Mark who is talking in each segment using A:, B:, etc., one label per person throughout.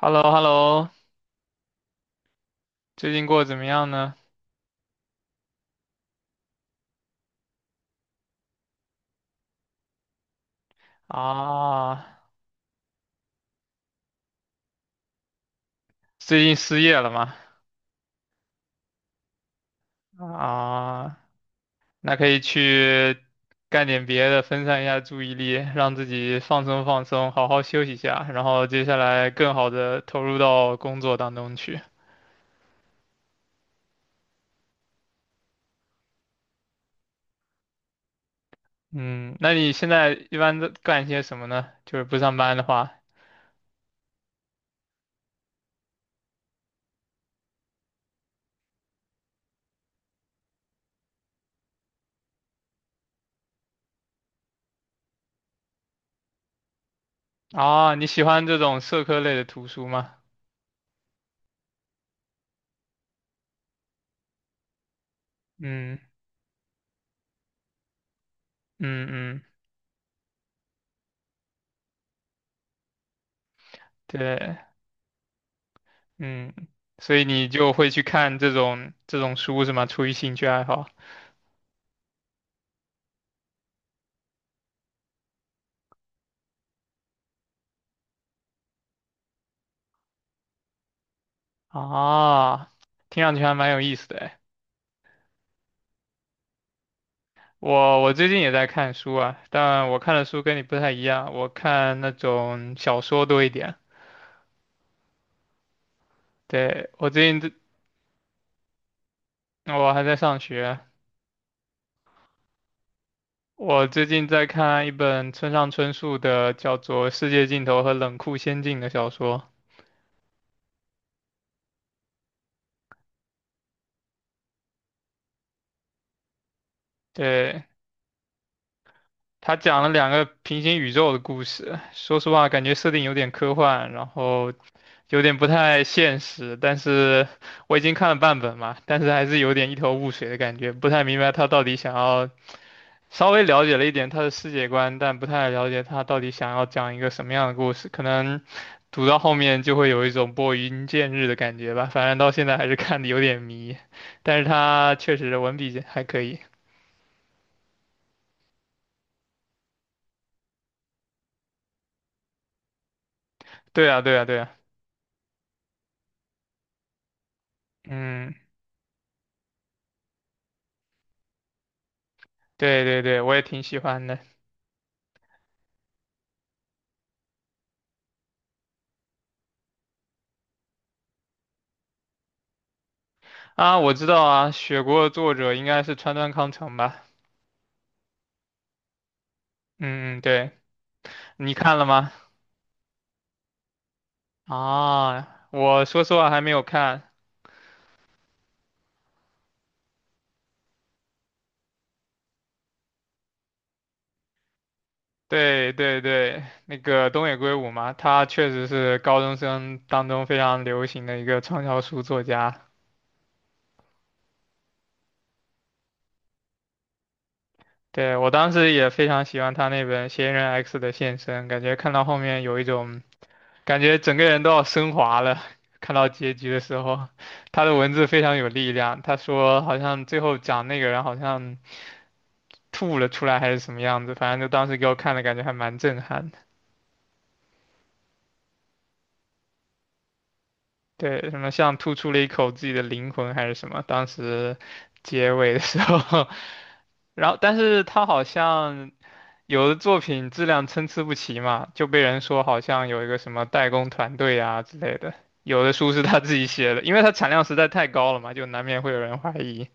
A: h e l l o h e l l o 最近过得怎么样呢？啊，最近失业了吗？啊，那可以去干点别的，分散一下注意力，让自己放松放松，好好休息一下，然后接下来更好的投入到工作当中去。嗯，那你现在一般都干些什么呢？就是不上班的话，啊，你喜欢这种社科类的图书吗？嗯嗯嗯，对。嗯，所以你就会去看这种书是吗？出于兴趣爱好啊，听上去还蛮有意思的诶。我最近也在看书啊，但我看的书跟你不太一样，我看那种小说多一点。对，我还在上学，我最近在看一本村上春树的叫做《世界尽头和冷酷仙境》的小说。对，他讲了两个平行宇宙的故事，说实话，感觉设定有点科幻，然后有点不太现实，但是我已经看了半本嘛，但是还是有点一头雾水的感觉，不太明白他到底想要，稍微了解了一点他的世界观，但不太了解他到底想要讲一个什么样的故事，可能读到后面就会有一种拨云见日的感觉吧，反正到现在还是看的有点迷，但是他确实文笔还可以。对啊，对啊，对啊，嗯，对对对，我也挺喜欢的。啊，我知道啊，雪国的作者应该是川端康成吧。嗯嗯，对，你看了吗？啊，我说实话还没有看。对对对，那个东野圭吾嘛，他确实是高中生当中非常流行的一个畅销书作家。对，我当时也非常喜欢他那本《嫌疑人 X 的献身》，感觉看到后面有一种感觉整个人都要升华了。看到结局的时候，他的文字非常有力量。他说好像最后讲那个人好像吐了出来还是什么样子，反正就当时给我看的感觉还蛮震撼。对，什么像吐出了一口自己的灵魂还是什么，当时结尾的时候，然后但是他好像有的作品质量参差不齐嘛，就被人说好像有一个什么代工团队啊之类的，有的书是他自己写的，因为他产量实在太高了嘛，就难免会有人怀疑。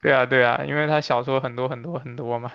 A: 对啊，对啊，因为他小说很多很多很多嘛，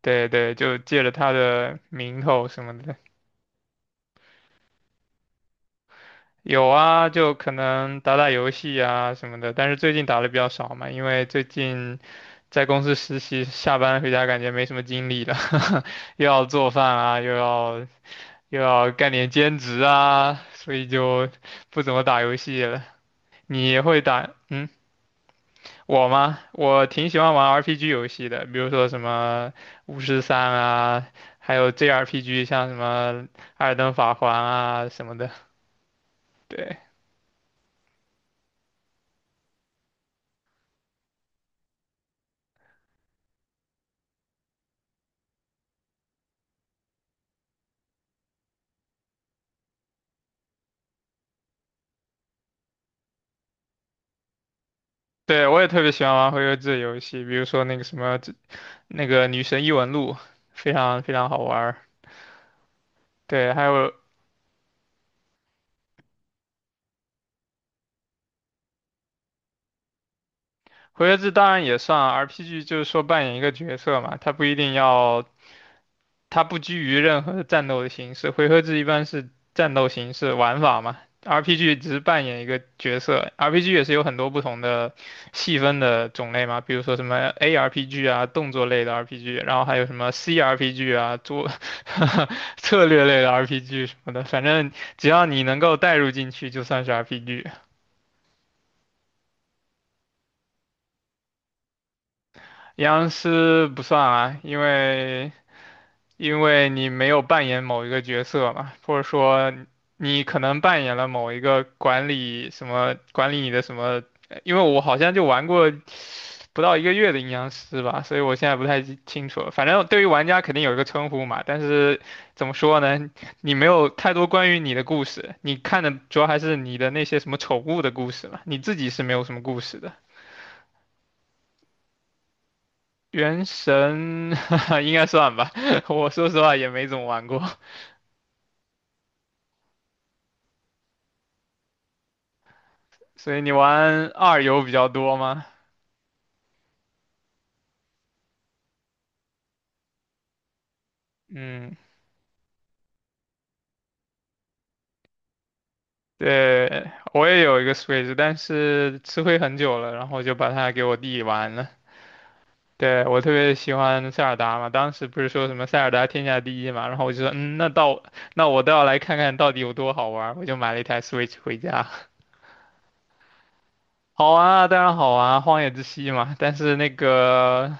A: 对对，就借着他的名头什么的。有啊，就可能打打游戏啊什么的，但是最近打的比较少嘛，因为最近在公司实习，下班回家感觉没什么精力了，又要做饭啊，又要干点兼职啊，所以就不怎么打游戏了。你会打，嗯，我吗？我挺喜欢玩 RPG 游戏的，比如说什么巫师三啊，还有 JRPG，像什么《艾尔登法环》啊什么的，对。对，我也特别喜欢玩回合制的游戏，比如说那个什么，那个《女神异闻录》，非常非常好玩儿。对，还有回合制当然也算 RPG，就是说扮演一个角色嘛，它不一定要它不拘于任何战斗的形式，回合制一般是战斗形式玩法嘛，RPG 只是扮演一个角色，RPG 也是有很多不同的细分的种类嘛，比如说什么 ARPG 啊，动作类的 RPG，然后还有什么 CRPG 啊，做 策略类的 RPG 什么的，反正只要你能够带入进去，就算是 RPG。阴阳师不算啊，因为你没有扮演某一个角色嘛，或者说你可能扮演了某一个管理什么管理你的什么，因为我好像就玩过不到一个月的阴阳师吧，所以我现在不太记清楚了。反正对于玩家肯定有一个称呼嘛，但是怎么说呢，你没有太多关于你的故事，你看的主要还是你的那些什么宠物的故事嘛，你自己是没有什么故事的。原神 应该算吧，我说实话也没怎么玩过。所以你玩二游比较多吗？嗯，对，我也有一个 Switch，但是吃灰很久了，然后就把它给我弟玩了。对，我特别喜欢塞尔达嘛，当时不是说什么塞尔达天下第一嘛，然后我就说，嗯，那我倒要来看看到底有多好玩儿，我就买了一台 Switch 回家。好玩啊，当然好玩啊，荒野之息嘛，但是那个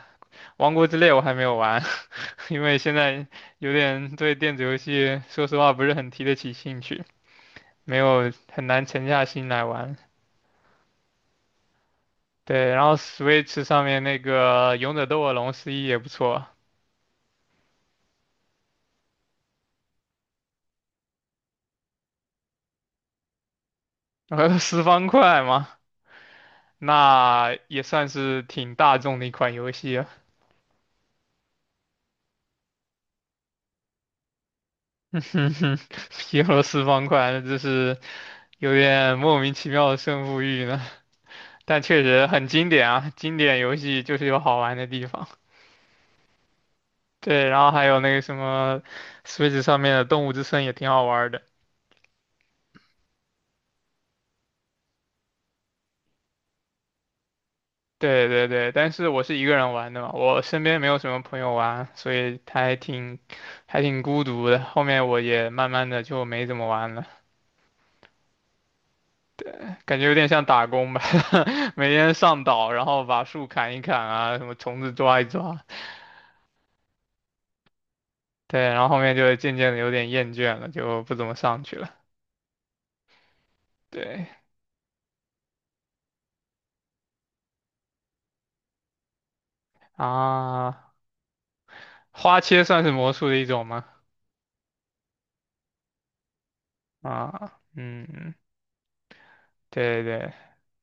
A: 王国之泪我还没有玩，因为现在有点对电子游戏说实话不是很提得起兴趣。没有很难沉下心来玩。对，然后 Switch 上面那个《勇者斗恶龙》十一也不错，然后十方块嘛，那也算是挺大众的一款游戏啊。 皮罗十方块，那真是有点莫名其妙的胜负欲呢，但确实很经典啊，经典游戏就是有好玩的地方。对，然后还有那个什么，Switch 上面的《动物之森》也挺好玩的。对对对，但是我是一个人玩的嘛，我身边没有什么朋友玩，所以他还挺孤独的。后面我也慢慢的就没怎么玩了，感觉有点像打工吧，每天上岛，然后把树砍一砍啊，什么虫子抓一抓。对，然后后面就渐渐的有点厌倦了，就不怎么上去了。对啊，花切算是魔术的一种吗？啊，嗯，对对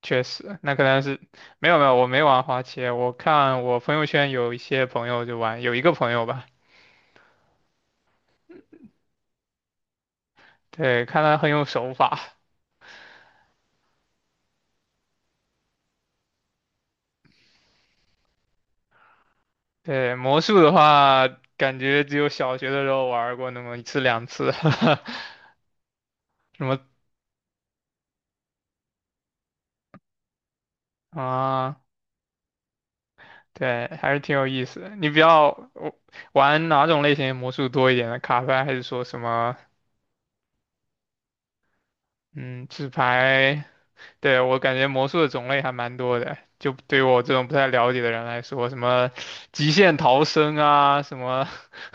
A: 确实，那可能是没有没有，我没玩花切，我看我朋友圈有一些朋友就玩，有一个朋友吧，对，看他很有手法，对，魔术的话，感觉只有小学的时候玩过那么一次两次。什么。啊，对，还是挺有意思的。你比较我玩哪种类型的魔术多一点呢？卡牌还是说什么，嗯纸牌。对，我感觉魔术的种类还蛮多的，就对于我这种不太了解的人来说，什么极限逃生啊，什么，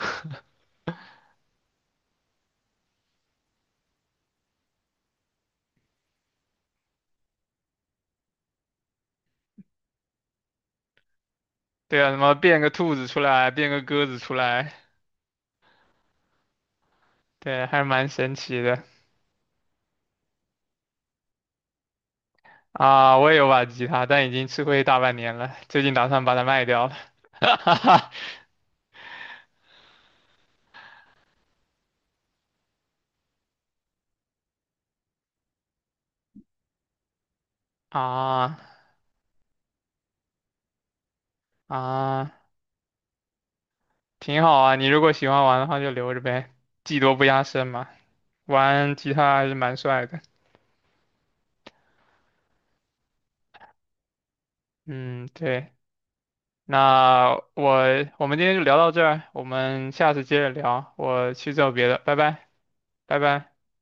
A: 对啊，什么变个兔子出来，变个鸽子出来，对，还是蛮神奇的。啊。我也有把吉他，但已经吃灰大半年了，最近打算把它卖掉了。啊啊，挺好啊，你如果喜欢玩的话就留着呗，技多不压身嘛，玩吉他还是蛮帅的。嗯，对。那我我们今天就聊到这儿，我们下次接着聊，我去做别的，拜拜，拜拜。